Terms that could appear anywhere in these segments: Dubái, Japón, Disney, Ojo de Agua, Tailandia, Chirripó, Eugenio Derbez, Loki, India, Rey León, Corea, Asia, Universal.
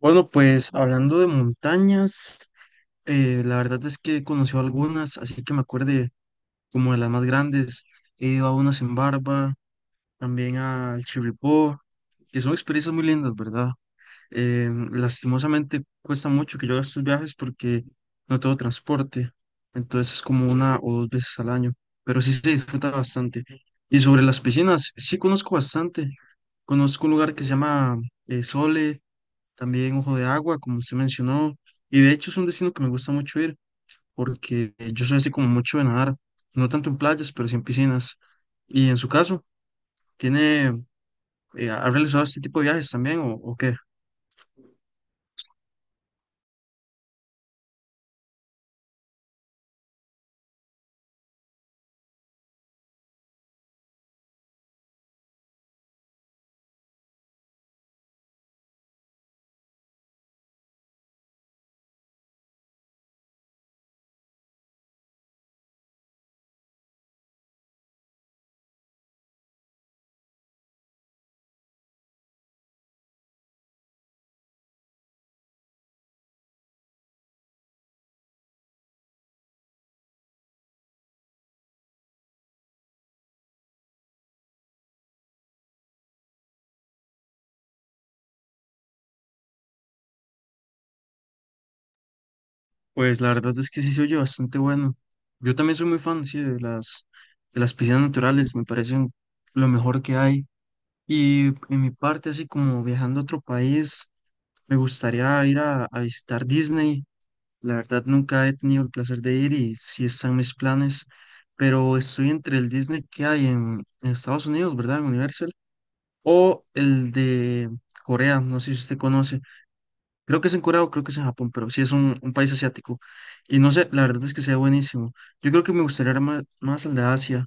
Bueno, pues hablando de montañas, la verdad es que conoció algunas, así que me acuerde como de las más grandes. He ido a unas en Barba, también al Chirripó, que son experiencias muy lindas, ¿verdad? Lastimosamente cuesta mucho que yo haga estos viajes porque no tengo transporte, entonces es como una o dos veces al año, pero sí se disfruta bastante. Y sobre las piscinas, sí conozco bastante. Conozco un lugar que se llama Sole, también Ojo de Agua, como usted mencionó, y de hecho es un destino que me gusta mucho ir, porque yo soy así como mucho de nadar, no tanto en playas, pero sí en piscinas. Y en su caso, ¿tiene, ha realizado este tipo de viajes también o qué? Pues la verdad es que sí se oye bastante bueno. Yo también soy muy fan, sí, de las piscinas naturales, me parecen lo mejor que hay. Y en mi parte, así como viajando a otro país, me gustaría ir a visitar Disney. La verdad, nunca he tenido el placer de ir y sí están mis planes, pero estoy entre el Disney que hay en Estados Unidos, ¿verdad? En Universal, o el de Corea, no sé si usted conoce. Creo que es en Corea o creo que es en Japón, pero sí es un país asiático. Y no sé, la verdad es que sea buenísimo. Yo creo que me gustaría más, más al de Asia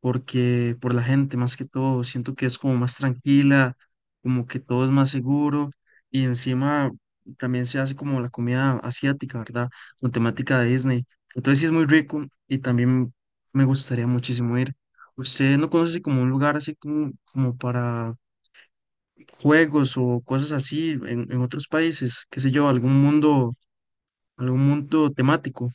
porque por la gente más que todo, siento que es como más tranquila, como que todo es más seguro y encima también se hace como la comida asiática, ¿verdad? Con temática de Disney. Entonces sí es muy rico y también me gustaría muchísimo ir. ¿Usted no conoce como un lugar así como, como para juegos o cosas así en otros países? ¿Qué sé yo? Algún mundo temático?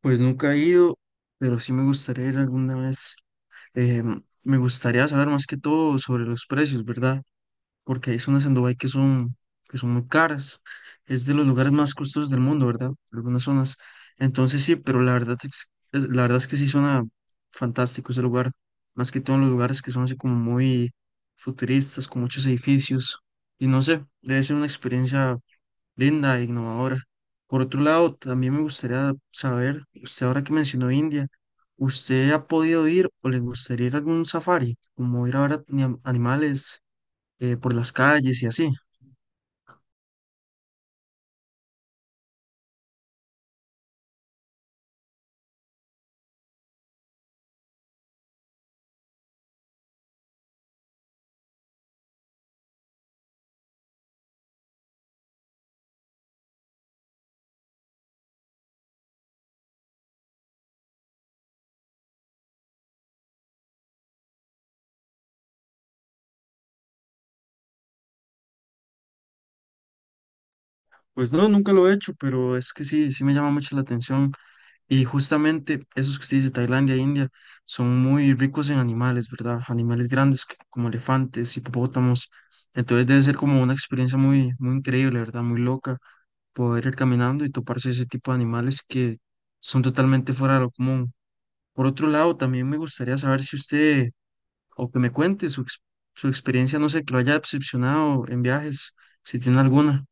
Pues nunca he ido, pero sí me gustaría ir alguna vez. Eh, me gustaría saber más que todo sobre los precios, ¿verdad? Porque hay zonas en Dubái que son muy caras. Es de los lugares más costosos del mundo, ¿verdad? Algunas zonas. Entonces sí, pero la verdad es que sí suena fantástico ese lugar. Más que todo en los lugares que son así como muy futuristas, con muchos edificios. Y no sé, debe ser una experiencia linda e innovadora. Por otro lado, también me gustaría saber, usted ahora que mencionó India, ¿usted ha podido ir o le gustaría ir a algún safari, como ir a ver animales por las calles y así? Pues no, nunca lo he hecho, pero es que sí, sí me llama mucho la atención. Y justamente esos que usted dice, Tailandia e India, son muy ricos en animales, ¿verdad? Animales grandes como elefantes, hipopótamos. Entonces debe ser como una experiencia muy, muy increíble, ¿verdad? Muy loca poder ir caminando y toparse ese tipo de animales que son totalmente fuera de lo común. Por otro lado, también me gustaría saber si usted, o que me cuente su, su experiencia, no sé, que lo haya decepcionado en viajes, si tiene alguna.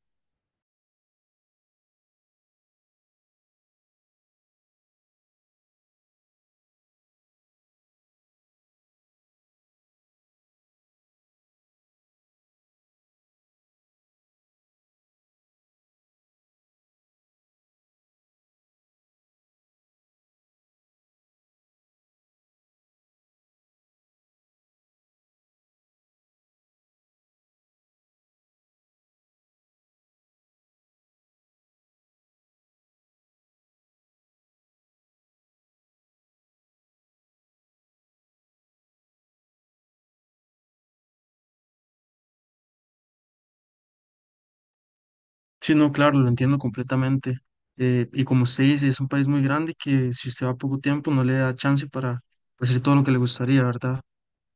Sí, no, claro, lo entiendo completamente. Y como usted dice, es un país muy grande que si usted va poco tiempo no le da chance para, pues, hacer todo lo que le gustaría, ¿verdad?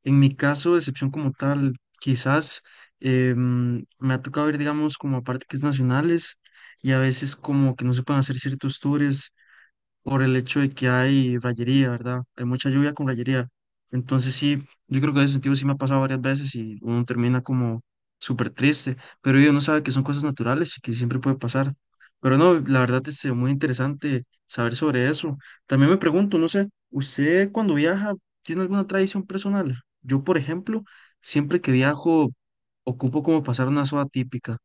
En mi caso, excepción como tal, quizás me ha tocado ir, digamos, como a parques nacionales y a veces como que no se pueden hacer ciertos tours por el hecho de que hay rayería, ¿verdad? Hay mucha lluvia con rayería. Entonces sí, yo creo que en ese sentido sí me ha pasado varias veces y uno termina como súper triste, pero uno sabe que son cosas naturales y que siempre puede pasar. Pero no, la verdad es muy interesante saber sobre eso. También me pregunto, no sé, ¿usted cuando viaja tiene alguna tradición personal? Yo, por ejemplo, siempre que viajo ocupo como pasar una soda típica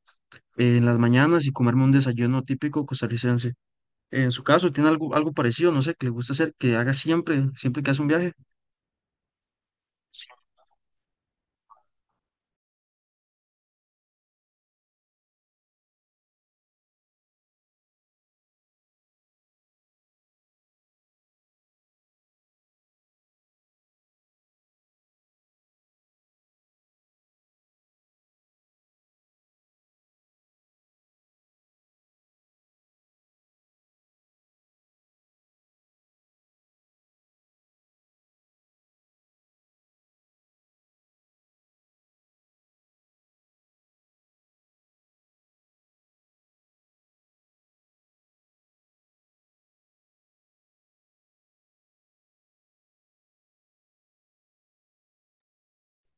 en las mañanas y comerme un desayuno típico costarricense. En su caso, ¿tiene algo, algo parecido? No sé, que le gusta hacer, que haga siempre, siempre que hace un viaje.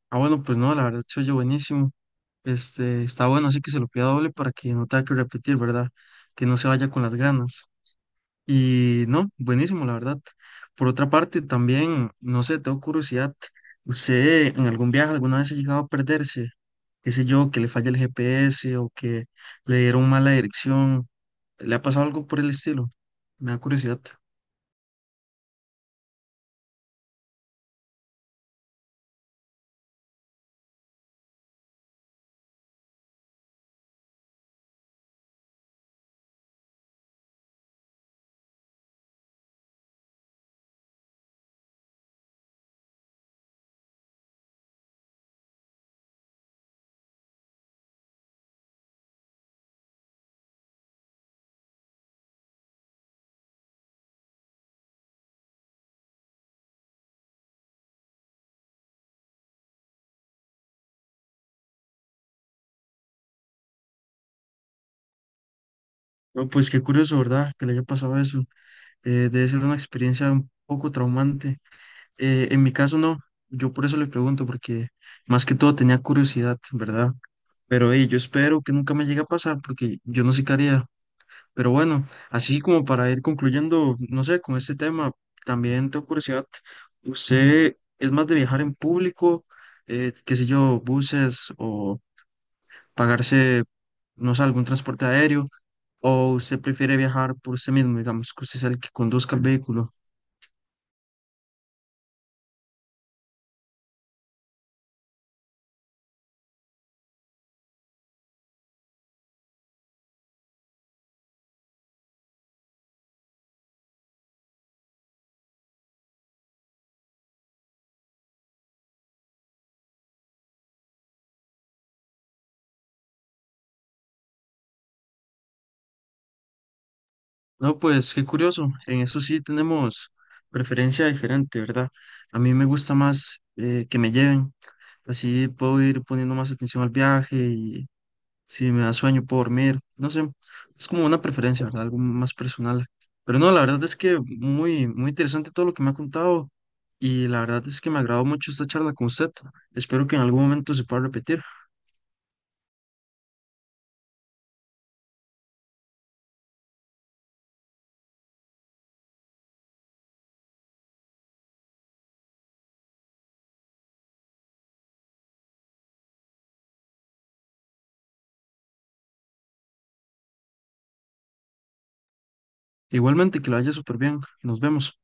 Ah, bueno, pues no, la verdad se oye buenísimo. Este, está bueno, así que se lo pida doble para que no tenga que repetir, ¿verdad? Que no se vaya con las ganas. Y no, buenísimo, la verdad. Por otra parte, también, no sé, tengo curiosidad. ¿Usted en algún viaje alguna vez ha llegado a perderse? ¿Qué sé yo, que le falla el GPS o que le dieron mala dirección? ¿Le ha pasado algo por el estilo? Me da curiosidad. No, pues qué curioso, ¿verdad? Que le haya pasado eso. Debe ser una experiencia un poco traumante. En mi caso no, yo por eso le pregunto, porque más que todo tenía curiosidad, ¿verdad? Pero yo espero que nunca me llegue a pasar, porque yo no sé qué haría. Pero bueno, así como para ir concluyendo, no sé, con este tema, también tengo curiosidad, ¿usted es más de viajar en público, qué sé yo, buses o pagarse, no sé, algún transporte aéreo? ¿O usted prefiere viajar por usted mismo, digamos, que usted sea el que conduzca el vehículo? No, pues qué curioso. En eso sí tenemos preferencia diferente, ¿verdad? A mí me gusta más que me lleven. Así puedo ir poniendo más atención al viaje y si me da sueño puedo dormir. No sé, es como una preferencia, ¿verdad? Algo más personal. Pero no, la verdad es que muy, muy interesante todo lo que me ha contado y la verdad es que me agradó mucho esta charla con usted. Espero que en algún momento se pueda repetir. Igualmente, que lo haya súper bien. Nos vemos.